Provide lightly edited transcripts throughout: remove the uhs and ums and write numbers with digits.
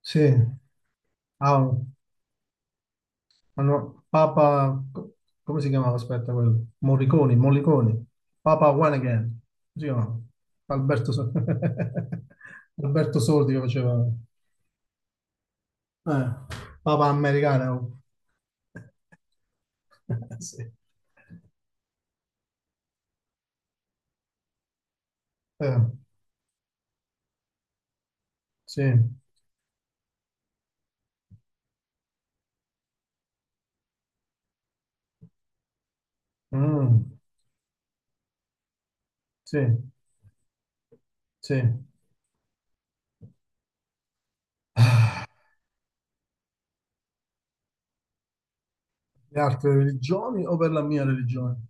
Sì, ah, Papa, come si chiamava? Aspetta, quello. Morricone, Mollicone, Papa One Again, come si chiamava? Alberto, So- Alberto Sordi che faceva, eh, Papa americano. Sì, eh, sì. Mm. Sì, sì, le altre religioni o per la mia religione?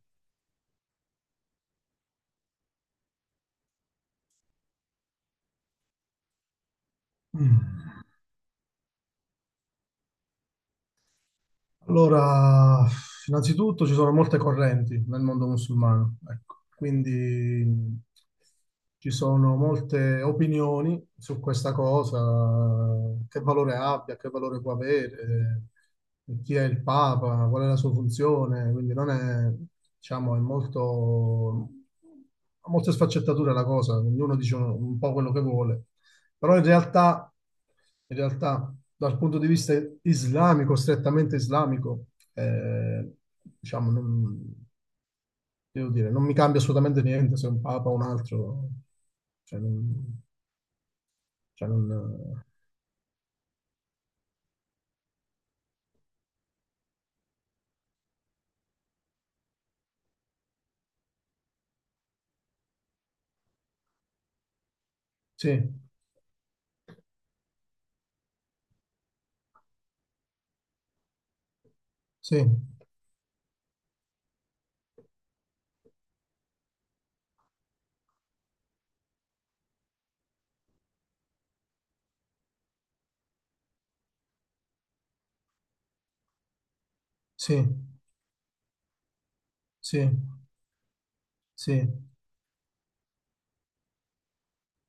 Mm. Allora, innanzitutto ci sono molte correnti nel mondo musulmano, ecco. Quindi ci sono molte opinioni su questa cosa, che valore abbia, che valore può avere, chi è il Papa, qual è la sua funzione, quindi non è, diciamo, è molto, ha molte sfaccettature la cosa, ognuno dice un po' quello che vuole. Però in realtà, dal punto di vista islamico, strettamente islamico, eh, diciamo, non, devo dire, non mi cambia assolutamente niente se è un papa o un altro. Cioè, non, cioè sì, sì, sì, sì, sì.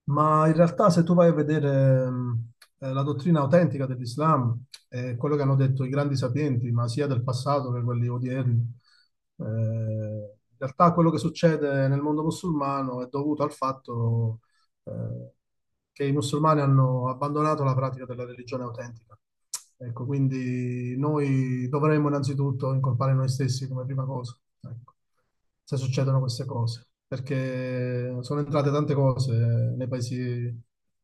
Ma in realtà se tu vai a vedere la dottrina autentica dell'Islam, è quello che hanno detto i grandi sapienti, ma sia del passato che quelli odierni, in realtà quello che succede nel mondo musulmano è dovuto al fatto eh, che i musulmani hanno abbandonato la pratica della religione autentica. Ecco, quindi noi dovremmo innanzitutto incolpare noi stessi come prima cosa, ecco, se succedono queste cose, perché sono entrate tante cose nei paesi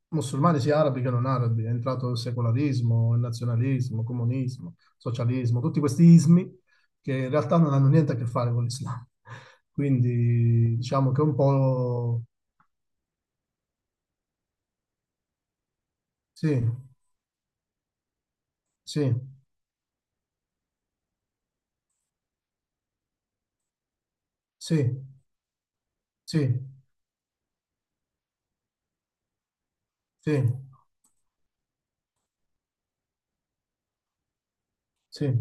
musulmani, sia arabi che non arabi, è entrato il secolarismo, il nazionalismo, il comunismo, il socialismo, tutti questi ismi che in realtà non hanno niente a che fare con l'Islam. Quindi diciamo che un po' sì. Sì, sì, sì, sì, sì.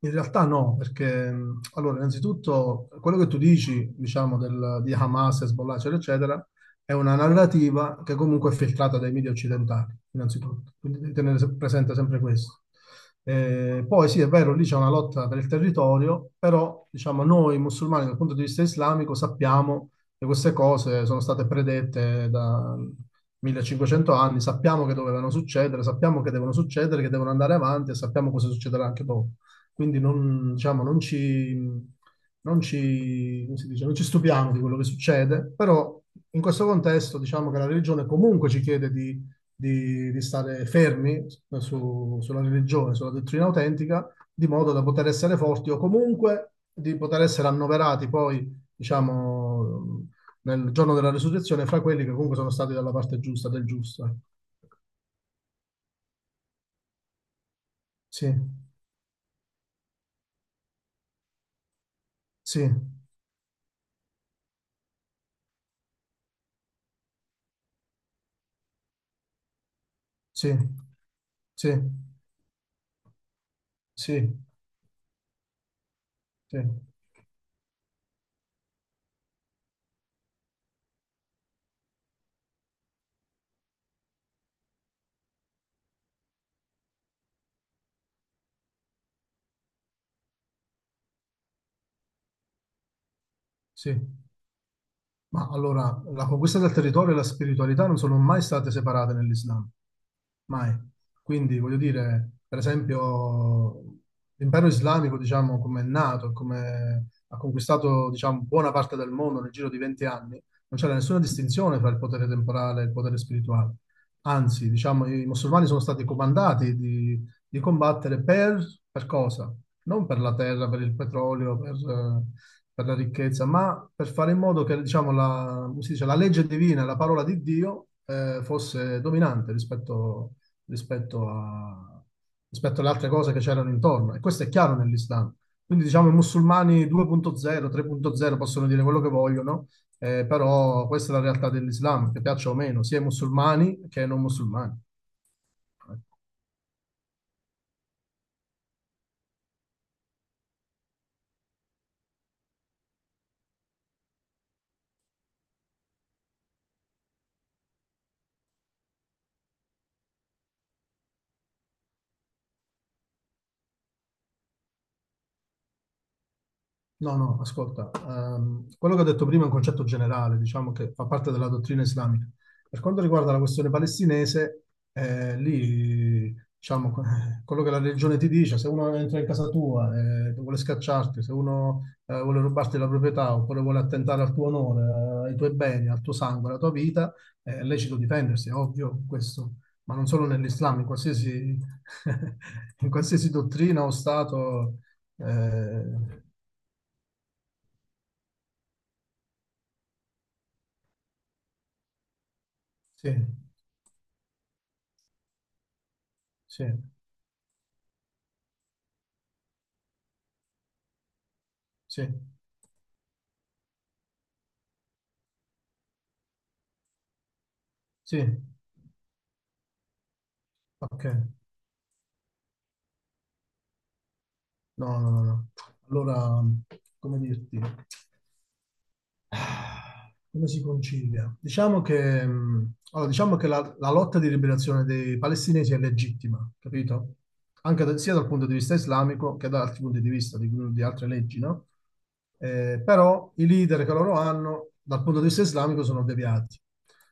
In realtà no, perché allora, innanzitutto quello che tu dici, diciamo, di Hamas, Hezbollah, eccetera, eccetera, è una narrativa che comunque è filtrata dai media occidentali, innanzitutto. Quindi devi tenere presente sempre questo. Poi sì, è vero, lì c'è una lotta per il territorio, però diciamo, noi musulmani dal punto di vista islamico sappiamo che queste cose sono state predette da 1500 anni, sappiamo che dovevano succedere, sappiamo che devono succedere, che devono andare avanti e sappiamo cosa succederà anche dopo. Quindi non, diciamo, non ci, come si dice, non ci stupiamo di quello che succede, però in questo contesto diciamo che la religione comunque ci chiede di, di stare fermi sulla religione, sulla dottrina autentica, di modo da poter essere forti o comunque di poter essere annoverati poi, diciamo, nel giorno della risurrezione fra quelli che comunque sono stati dalla parte giusta, del giusto. Sì, sì, sì, sì, sì, sì, sì. Ma allora, la conquista del territorio e la spiritualità non sono mai state separate nell'Islam, mai. Quindi, voglio dire, per esempio, l'impero islamico, diciamo, come è nato, come ha conquistato, diciamo, buona parte del mondo nel giro di 20 anni, non c'era nessuna distinzione tra il potere temporale e il potere spirituale. Anzi, diciamo, i musulmani sono stati comandati di, combattere per, cosa? Non per la terra, per il petrolio, per la ricchezza, ma per fare in modo che, diciamo, la, come si dice, la legge divina, la parola di Dio, fosse dominante rispetto, rispetto a- rispetto alle altre cose che c'erano intorno. E questo è chiaro nell'Islam. Quindi, diciamo, i musulmani 2.0, 3.0 possono dire quello che vogliono, però questa è la realtà dell'Islam, che piaccia o meno, sia ai musulmani che ai non musulmani. No, no, ascolta, quello che ho detto prima è un concetto generale, diciamo che fa parte della dottrina islamica. Per quanto riguarda la questione palestinese, lì, diciamo, quello che la religione ti dice, se uno entra in casa tua e vuole scacciarti, se uno vuole rubarti la proprietà oppure vuole attentare al tuo onore, ai tuoi beni, al tuo sangue, alla tua vita, è lecito difendersi, è ovvio questo, ma non solo nell'Islam, in qualsiasi, in qualsiasi dottrina o stato. eh, Sì, sì, sì, sì, ok. No, no, no, no. Allora, come dirti? Come si concilia? Diciamo che, allora, diciamo che la, lotta di liberazione dei palestinesi è legittima, capito? Anche sia dal punto di vista islamico che da altri punti di vista, di, altre leggi, no? Però i leader che loro hanno, dal punto di vista islamico, sono deviati.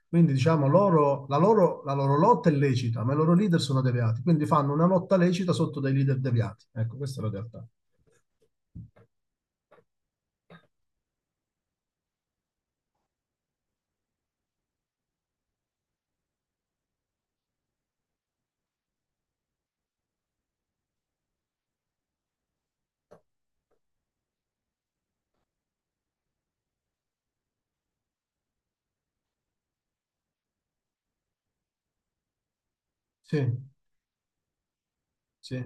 Quindi, diciamo, loro, la loro, lotta è lecita, ma i loro leader sono deviati. Quindi fanno una lotta lecita sotto dei leader deviati. Ecco, questa è la realtà. Sì, sì.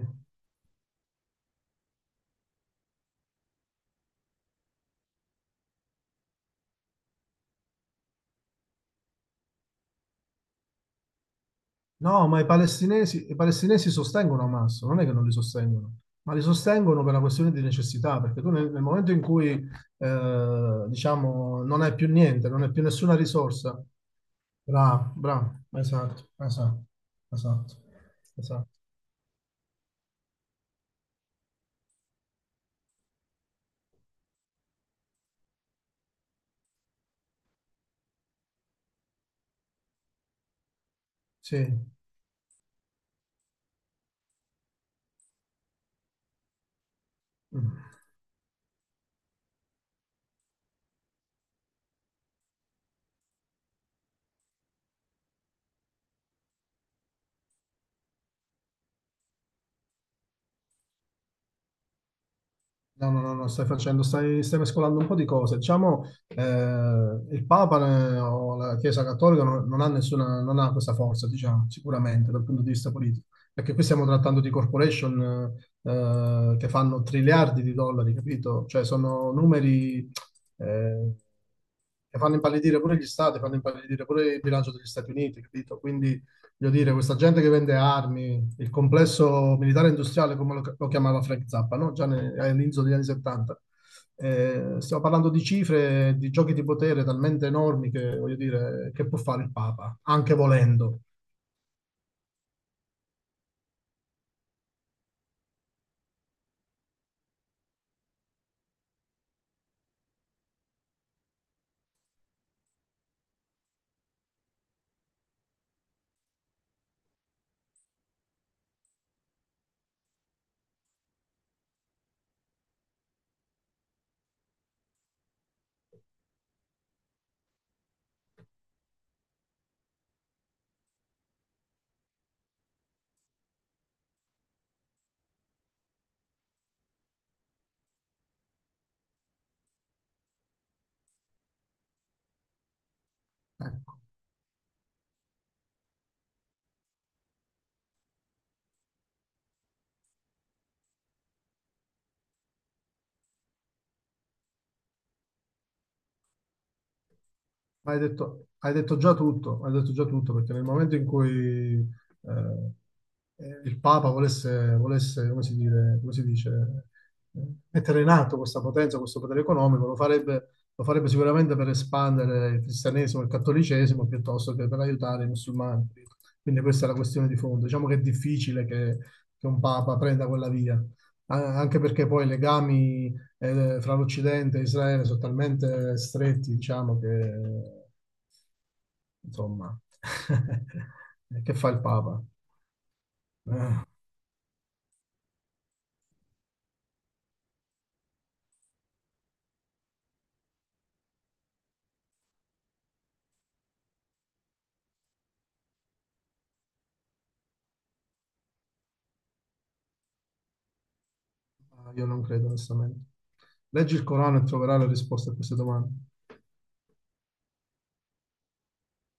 No, ma i palestinesi sostengono Hamas, non è che non li sostengono, ma li sostengono per una questione di necessità, perché tu nel, momento in cui, diciamo, non hai più niente, non hai più nessuna risorsa, bravo, bravo, esatto, esatto, esatto, esatto, sì. Mm. No, no, no, no, stai facendo, stai, mescolando un po' di cose. Diciamo, il Papa o la Chiesa Cattolica non ha nessuna, non ha questa forza, diciamo, sicuramente dal punto di vista politico. Perché qui stiamo trattando di corporation che fanno triliardi di dollari, capito? Cioè sono numeri eh, che fanno impallidire pure gli stati, fanno impallidire pure il bilancio degli Stati Uniti, capito? Quindi, voglio dire, questa gente che vende armi, il complesso militare industriale, come lo chiamava Frank Zappa, no? Già all'inizio degli anni 70. Stiamo parlando di cifre, di giochi di potere talmente enormi che, voglio dire, che può fare il Papa, anche volendo. Ecco. Hai detto già tutto, hai detto già tutto, perché nel momento in cui il Papa volesse, come si dice, eh, mettere in atto questa potenza, questo potere economico, lo farebbe sicuramente per espandere il cristianesimo e il cattolicesimo piuttosto che per aiutare i musulmani. Quindi questa è la questione di fondo. Diciamo che è difficile che, un Papa prenda quella via, anche perché poi i legami fra l'Occidente e Israele sono talmente stretti, diciamo, che insomma, che fa il Papa? Eh, io non credo, onestamente. Leggi il Corano e troverai le risposte a queste domande.